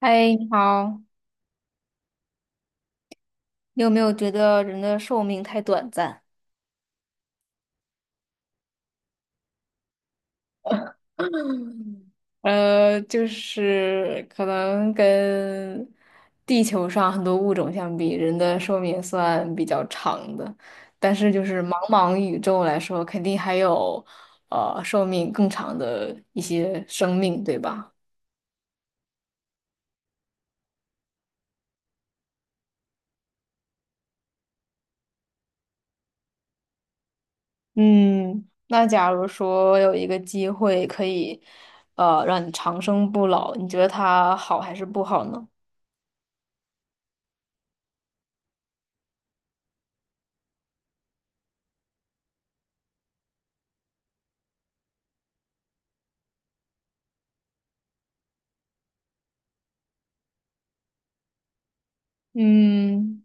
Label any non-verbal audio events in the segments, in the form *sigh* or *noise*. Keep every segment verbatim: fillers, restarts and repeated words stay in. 嗨，你好，你有没有觉得人的寿命太短暂？*clears throat* 呃，就是可能跟地球上很多物种相比，人的寿命算比较长的，但是就是茫茫宇宙来说，肯定还有呃寿命更长的一些生命，对吧？嗯，那假如说有一个机会可以呃让你长生不老，你觉得它好还是不好呢？嗯。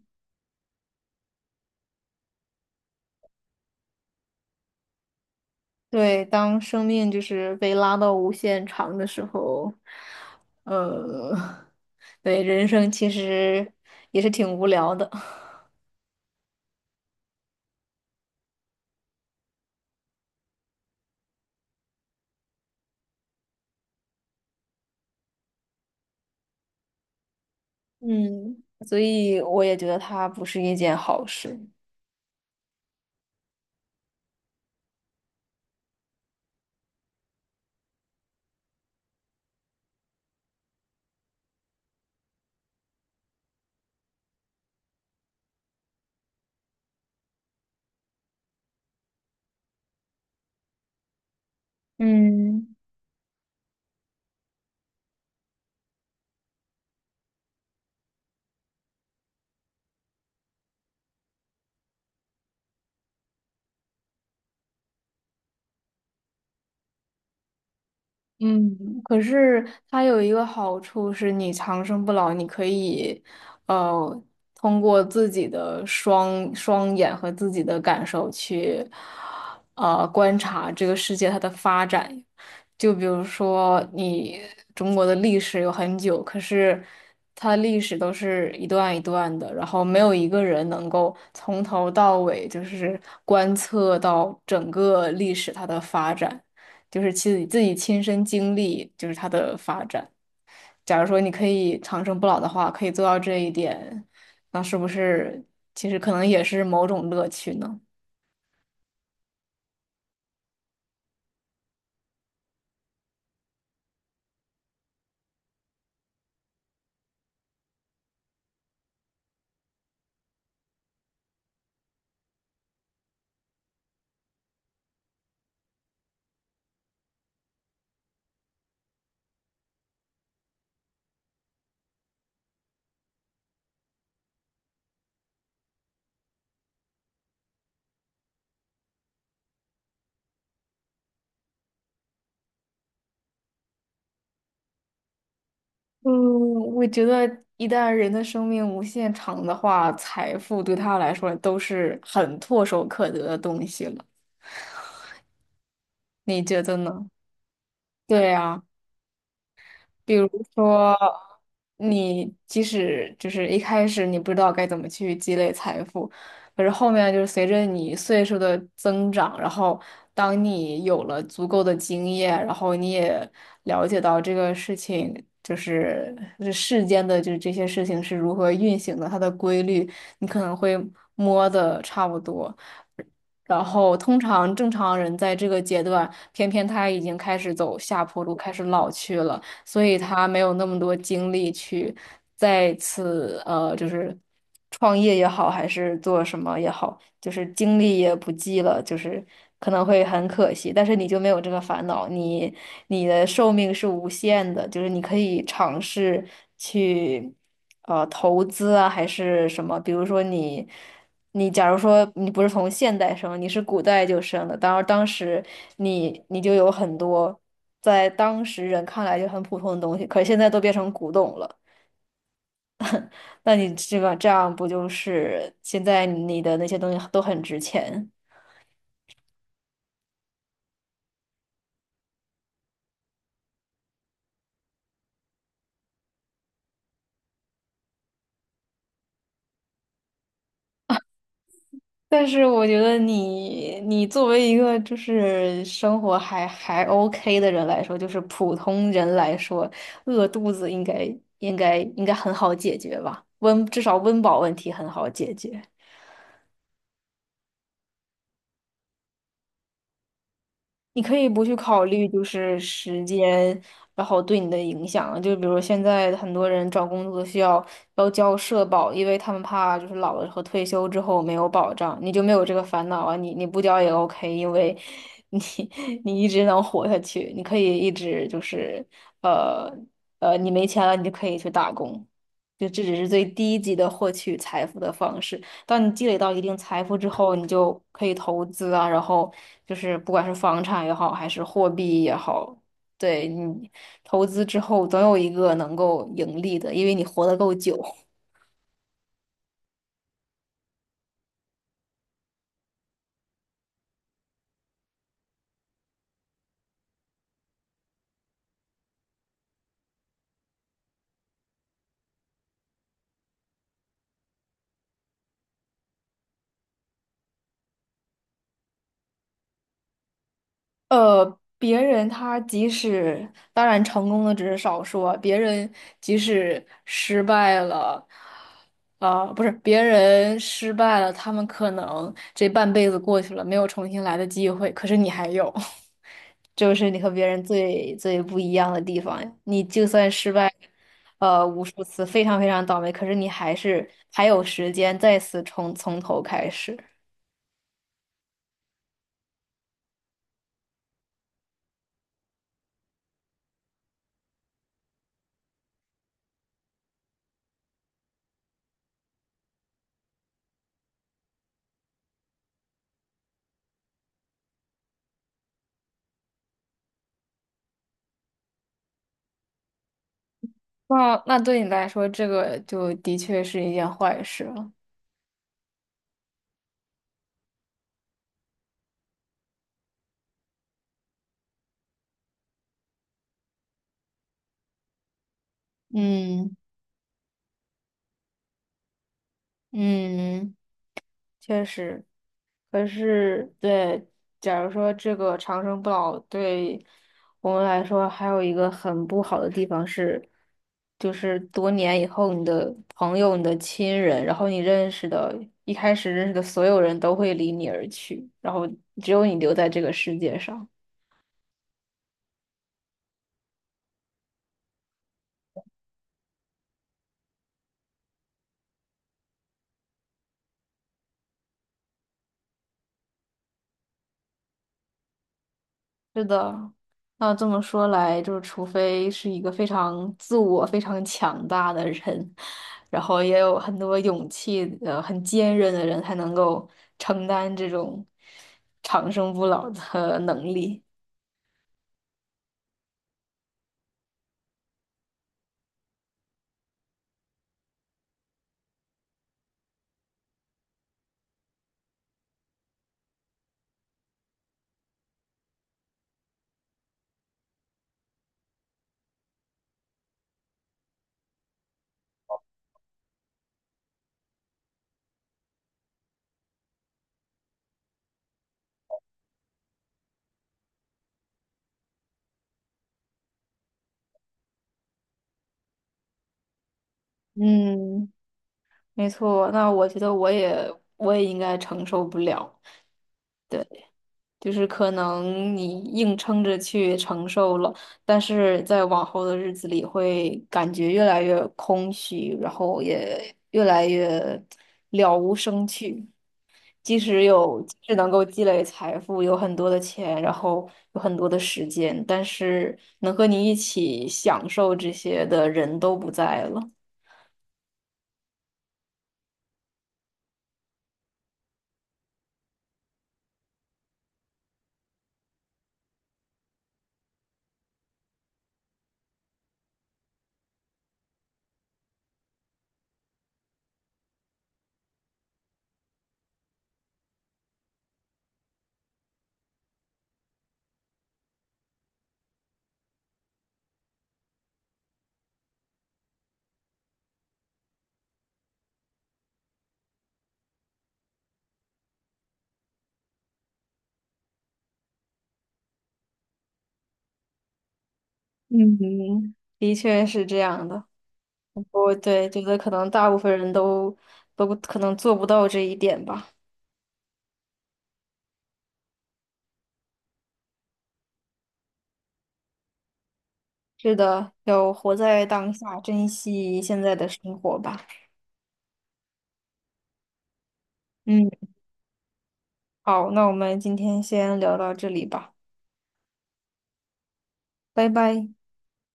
对，当生命就是被拉到无限长的时候，呃，对，人生其实也是挺无聊的，嗯，所以我也觉得它不是一件好事，嗯。嗯，可是它有一个好处是，你长生不老，你可以，呃，通过自己的双双眼和自己的感受去，呃，观察这个世界它的发展。就比如说，你中国的历史有很久，可是它的历史都是一段一段的，然后没有一个人能够从头到尾就是观测到整个历史它的发展。就是自己自己亲身经历，就是它的发展。假如说你可以长生不老的话，可以做到这一点，那是不是其实可能也是某种乐趣呢？嗯，我觉得一旦人的生命无限长的话，财富对他来说都是很唾手可得的东西了。你觉得呢？对呀。比如说，你即使就是一开始你不知道该怎么去积累财富，可是后面就是随着你岁数的增长，然后当你有了足够的经验，然后你也了解到这个事情就是这世间的就是这些事情是如何运行的，它的规律，你可能会摸的差不多。然后，通常正常人在这个阶段，偏偏他已经开始走下坡路，开始老去了。所以他没有那么多精力去再次呃，就是创业也好，还是做什么也好，就是精力也不济了，就是可能会很可惜。但是你就没有这个烦恼，你你的寿命是无限的，就是你可以尝试去呃投资啊，还是什么，比如说你。你假如说你不是从现代生，你是古代就生的，当然当时你你就有很多在当时人看来就很普通的东西，可是现在都变成古董了。那你这个这样不就是现在你的那些东西都很值钱？但是我觉得你你作为一个就是生活还还 OK 的人来说，就是普通人来说，饿肚子应该应该应该很好解决吧？温至少温饱问题很好解决。你可以不去考虑就是时间，然后对你的影响。就比如说现在很多人找工作需要要交社保，因为他们怕就是老了和退休之后没有保障，你就没有这个烦恼啊。你你不交也 OK，因为你 *laughs* 你一直能活下去，你可以一直就是呃呃，你没钱了，你就可以去打工。就这只是最低级的获取财富的方式。当你积累到一定财富之后，你就可以投资啊，然后就是不管是房产也好，还是货币也好，对你投资之后总有一个能够盈利的，因为你活得够久。呃，别人他即使当然成功的只是少数啊，别人即使失败了，啊、不是别人失败了，他们可能这半辈子过去了，没有重新来的机会，可是你还有，*laughs* 这就是你和别人最最不一样的地方呀。你就算失败，呃，无数次，非常非常倒霉，可是你还是还有时间再次从从头开始。那那对你来说，这个就的确是一件坏事了。嗯嗯，确实。可是，对，假如说这个长生不老对我们来说，还有一个很不好的地方是，就是多年以后，你的朋友、你的亲人，然后你认识的，一开始认识的所有人都会离你而去，然后只有你留在这个世界上。是的，那这么说来，就是除非是一个非常自我、非常强大的人，然后也有很多勇气、呃，很坚韧的人，才能够承担这种长生不老的能力。嗯，没错。那我觉得我也我也应该承受不了。对。就是可能你硬撑着去承受了，但是在往后的日子里会感觉越来越空虚，然后也越来越了无生趣。即使有，即使能够积累财富，有很多的钱，然后有很多的时间，但是能和你一起享受这些的人都不在了。嗯，的确是这样的。我对觉得可能大部分人都都可能做不到这一点吧。是的，要活在当下，珍惜现在的生活吧。嗯，好，那我们今天先聊到这里吧，拜拜。